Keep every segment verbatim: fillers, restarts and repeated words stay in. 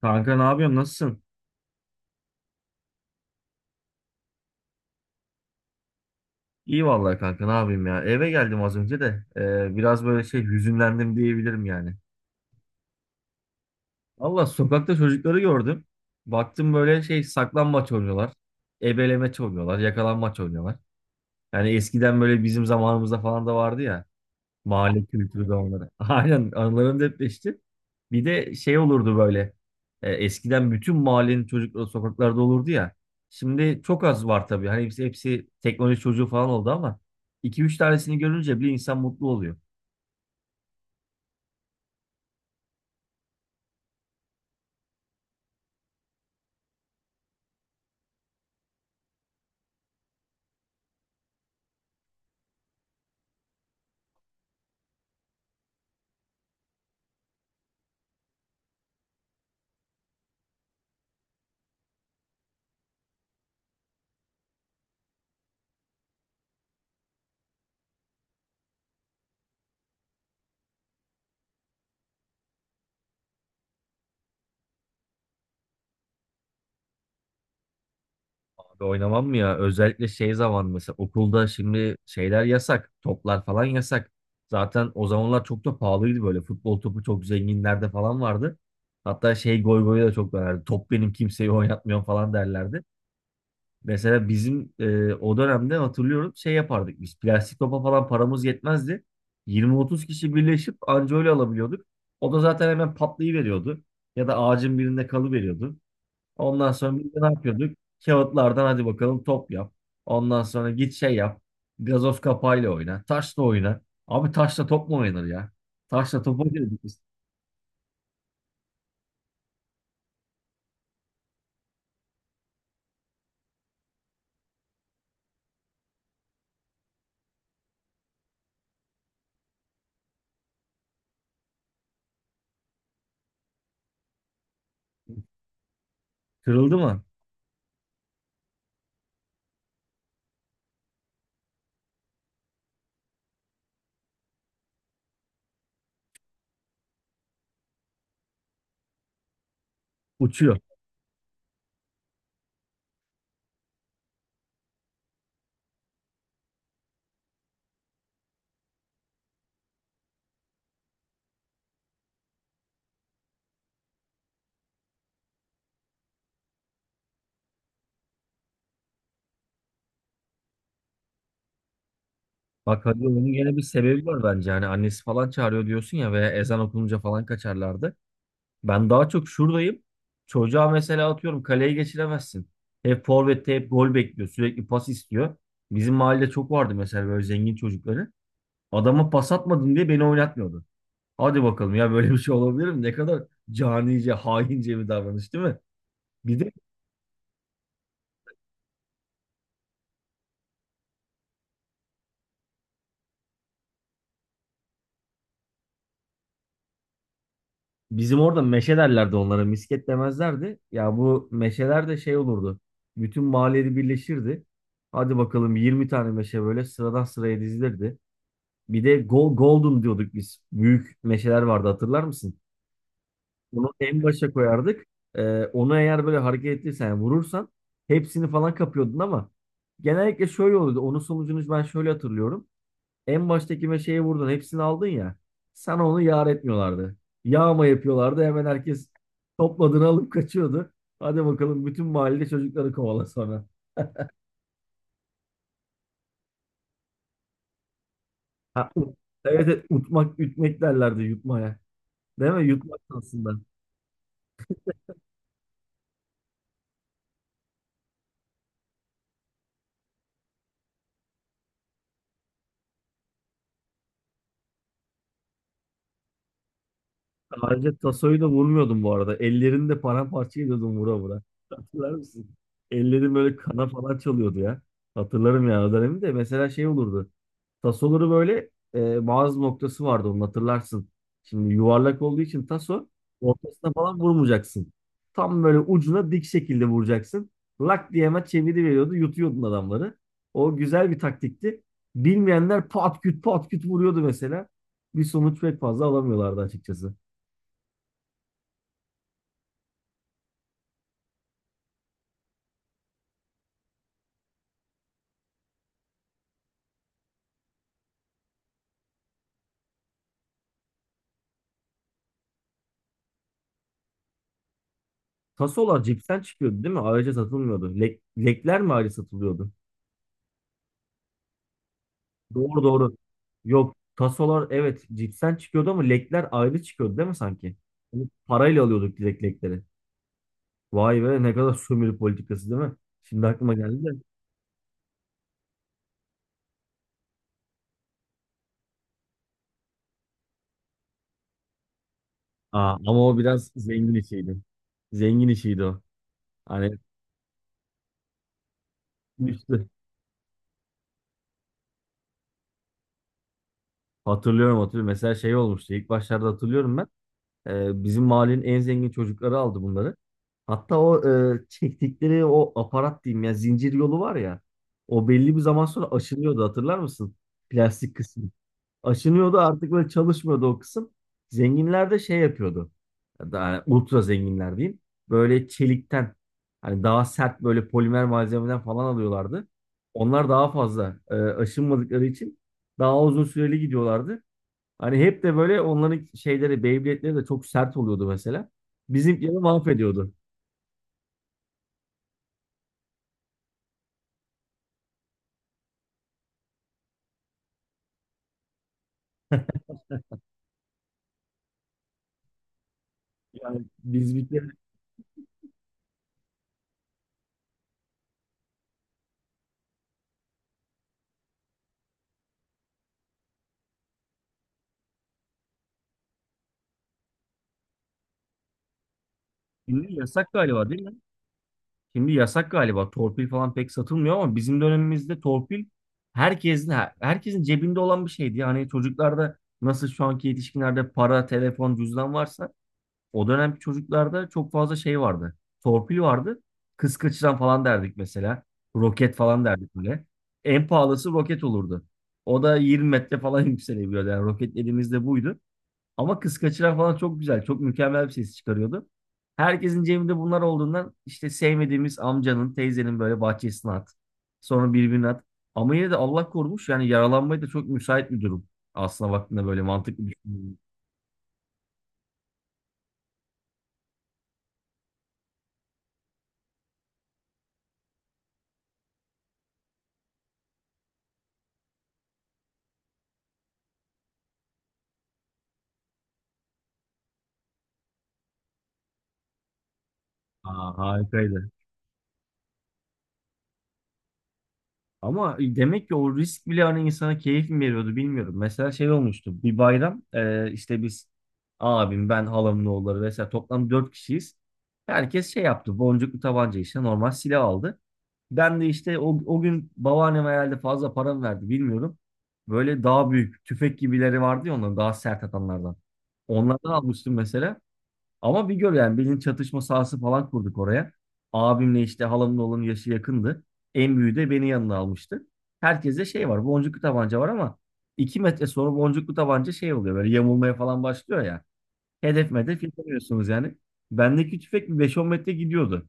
Kanka ne yapıyorsun? Nasılsın? İyi vallahi kanka ne yapayım ya. Eve geldim az önce de e, biraz böyle şey hüzünlendim diyebilirim yani. Allah sokakta çocukları gördüm. Baktım böyle şey saklambaç oynuyorlar. Ebelemaç oynuyorlar. Yakalanmaç oynuyorlar. Yani eskiden böyle bizim zamanımızda falan da vardı ya. Mahalle kültürü de onları. Aynen anılarım depreşti. Bir de şey olurdu böyle. E, eskiden bütün mahallenin çocukları sokaklarda olurdu ya. Şimdi çok az var tabii. Hani hepsi, hepsi teknoloji çocuğu falan oldu ama iki üç tanesini görünce bir insan mutlu oluyor. Abi oynamam mı ya? Özellikle şey zaman mesela okulda şimdi şeyler yasak. Toplar falan yasak. Zaten o zamanlar çok da pahalıydı böyle. Futbol topu çok zenginlerde falan vardı. Hatta şey goy goyu da çok dönerdi. Top benim kimseyi oynatmıyorum falan derlerdi. Mesela bizim e, o dönemde hatırlıyorum şey yapardık biz. Plastik topa falan paramız yetmezdi. yirmi otuz kişi birleşip anca öyle alabiliyorduk. O da zaten hemen patlayıveriyordu. Ya da ağacın birinde kalıveriyordu. Ondan sonra biz de ne yapıyorduk? Kağıtlardan hadi bakalım top yap. Ondan sonra git şey yap. Gazoz kapağıyla oyna. Taşla oyna. Abi taşla top mu oynanır ya? Taşla top oynuyorduk biz. Kırıldı mı? Uçuyor. Bak hadi onun gene bir sebebi var bence. Hani annesi falan çağırıyor diyorsun ya veya ezan okununca falan kaçarlardı. Ben daha çok şuradayım. Çocuğa mesela atıyorum kaleye geçiremezsin. Hep forvette hep gol bekliyor. Sürekli pas istiyor. Bizim mahallede çok vardı mesela böyle zengin çocukları. Adama pas atmadın diye beni oynatmıyordu. Hadi bakalım ya böyle bir şey olabilir mi? Ne kadar canice, haince bir davranış değil mi? Bir de bizim orada meşe derlerdi onlara. Misket demezlerdi. Ya bu meşeler de şey olurdu. Bütün mahalleli birleşirdi. Hadi bakalım yirmi tane meşe böyle sıradan sıraya dizilirdi. Bir de Go- Golden diyorduk biz. Büyük meşeler vardı hatırlar mısın? Onu en başa koyardık. Ee, onu eğer böyle hareket ettiysen yani vurursan hepsini falan kapıyordun ama genellikle şöyle oluyordu. Onun sonucunu ben şöyle hatırlıyorum. En baştaki meşeyi vurdun hepsini aldın ya. Sana onu yar etmiyorlardı. Yağma yapıyorlardı. Hemen herkes topladığını alıp kaçıyordu. Hadi bakalım bütün mahalle çocukları kovala sonra. Ha, ut- evet, evet, utmak, ütmek derlerdi yutmaya. Değil mi? Yutmak aslında. Sadece tasoyu da vurmuyordum bu arada. Ellerini de paramparça ediyordum vura vura. Hatırlar mısın? Ellerim böyle kana falan çalıyordu ya. Hatırlarım ya o dönemi de. Mesela şey olurdu. Tasoları böyle e, bazı noktası vardı onun hatırlarsın. Şimdi yuvarlak olduğu için taso ortasına falan vurmayacaksın. Tam böyle ucuna dik şekilde vuracaksın. Lak diye hemen çeviri veriyordu. Yutuyordun adamları. O güzel bir taktikti. Bilmeyenler pat küt pat küt vuruyordu mesela. Bir sonuç pek fazla alamıyorlardı açıkçası. Tasolar cipsen çıkıyordu değil mi? Ayrıca satılmıyordu. Lek, lekler mi ayrı satılıyordu? Doğru doğru. Yok. Tasolar evet cipsen çıkıyordu ama lekler ayrı çıkıyordu değil mi sanki? Onu parayla alıyorduk direkt lekleri. Vay be ne kadar sömürü politikası değil mi? Şimdi aklıma geldi de. Aa, ama o biraz zengin işiydi. Zengin işiydi o. Hani üstü. Hatırlıyorum hatırlıyorum. Mesela şey olmuştu. İlk başlarda hatırlıyorum ben. Ee, bizim mahallenin en zengin çocukları aldı bunları. Hatta o e, çektikleri o aparat diyeyim ya zincir yolu var ya. O belli bir zaman sonra aşınıyordu hatırlar mısın? Plastik kısmı. Aşınıyordu artık böyle çalışmıyordu o kısım. Zenginler de şey yapıyordu. Yani ultra zenginler diyeyim. Böyle çelikten hani daha sert böyle polimer malzemeden falan alıyorlardı. Onlar daha fazla e, aşınmadıkları için daha uzun süreli gidiyorlardı. Hani hep de böyle onların şeyleri, Beyblade'leri de çok sert oluyordu mesela. Bizimkileri mahvediyordu. Yani bizimkileri şimdi yasak galiba değil mi? Şimdi yasak galiba. Torpil falan pek satılmıyor ama bizim dönemimizde torpil herkesin herkesin cebinde olan bir şeydi. Yani çocuklarda nasıl şu anki yetişkinlerde para, telefon, cüzdan varsa. O dönemki çocuklarda çok fazla şey vardı. Torpil vardı. Kız kaçıran falan derdik mesela. Roket falan derdik böyle. En pahalısı roket olurdu. O da yirmi metre falan yükselebiliyordu. Yani roket elimizde buydu. Ama kız kaçıran falan çok güzel. Çok mükemmel bir ses çıkarıyordu. Herkesin cebinde bunlar olduğundan işte sevmediğimiz amcanın, teyzenin böyle bahçesine at. Sonra birbirine at. Ama yine de Allah korumuş. Yani yaralanmaya da çok müsait bir durum. Aslına baktığında böyle mantıklı düşünüyorum. Aa, harikaydı. Ama demek ki o risk bile hani insana keyif mi veriyordu bilmiyorum. Mesela şey olmuştu. Bir bayram e, işte biz abim, ben, halamın oğulları vesaire toplam dört kişiyiz. Herkes şey yaptı. Boncuklu tabanca işte normal silah aldı. Ben de işte o, o gün babaannem herhalde fazla para mı verdi bilmiyorum. Böyle daha büyük tüfek gibileri vardı ya onların daha sert atanlardan. Onlardan almıştım mesela. Ama bir gör yani bilin çatışma sahası falan kurduk oraya. Abimle işte halamın oğlunun yaşı yakındı. En büyüğü de beni yanına almıştı. Herkese şey var boncuklu tabanca var ama iki metre sonra boncuklu tabanca şey oluyor böyle yamulmaya falan başlıyor ya. Hedef medef yapamıyorsunuz yani. Bendeki tüfek bir beş on metre gidiyordu.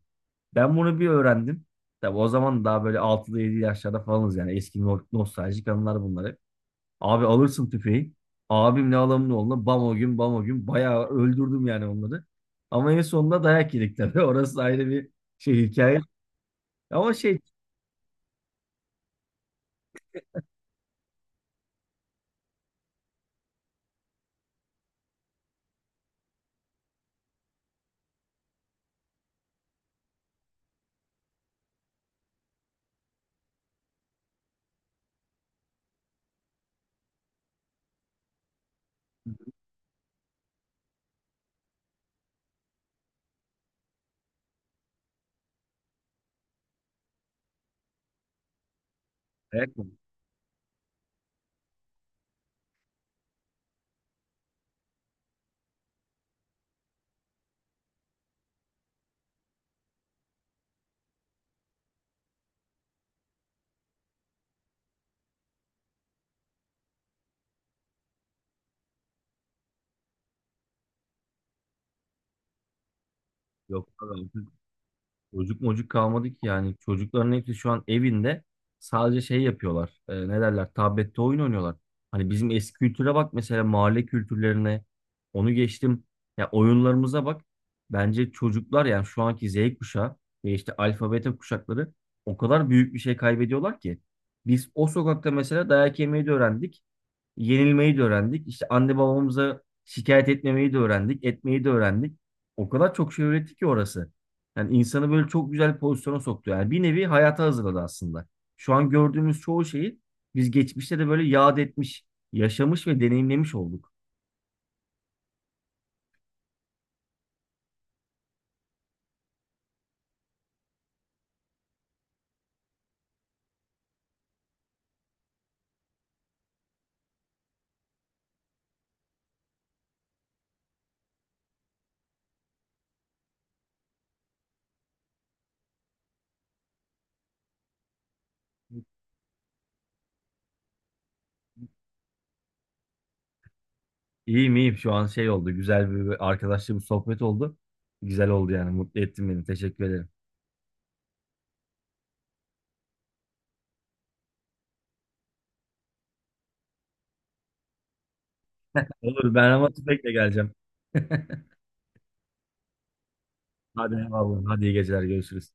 Ben bunu bir öğrendim. Tabi o zaman daha böyle altıda yedi yaşlarda falanız yani eski no- nostaljik anılar bunları. Abi alırsın tüfeği. Abimle alamın oğluna bam o gün bam o gün bayağı öldürdüm yani onları. Ama en sonunda dayak yedik tabii. Orası ayrı bir şey hikaye. Ama şey dayak mı? Yok abi. Çocuk mocuk kalmadı ki yani. Çocukların hepsi şu an evinde sadece şey yapıyorlar. E, ne derler? Tablette oyun oynuyorlar. Hani bizim eski kültüre bak mesela mahalle kültürlerine. Onu geçtim. Ya oyunlarımıza bak. Bence çocuklar yani şu anki Z kuşağı ve işte alfa beta kuşakları o kadar büyük bir şey kaybediyorlar ki. Biz o sokakta mesela dayak yemeyi de öğrendik yenilmeyi de öğrendik. İşte anne babamıza şikayet etmemeyi de öğrendik, etmeyi de öğrendik. O kadar çok şey öğretti ki orası. Yani insanı böyle çok güzel bir pozisyona soktu. Yani bir nevi hayata hazırladı aslında. Şu an gördüğümüz çoğu şeyi biz geçmişte de böyle yad etmiş, yaşamış ve deneyimlemiş olduk. İyiyim iyiyim şu an şey oldu. Güzel bir arkadaşla bir sohbet oldu. Güzel oldu yani. Mutlu ettin beni. Teşekkür ederim. Olur ben ama tüfekle geleceğim. Hadi eyvallah. Hadi iyi geceler. Görüşürüz.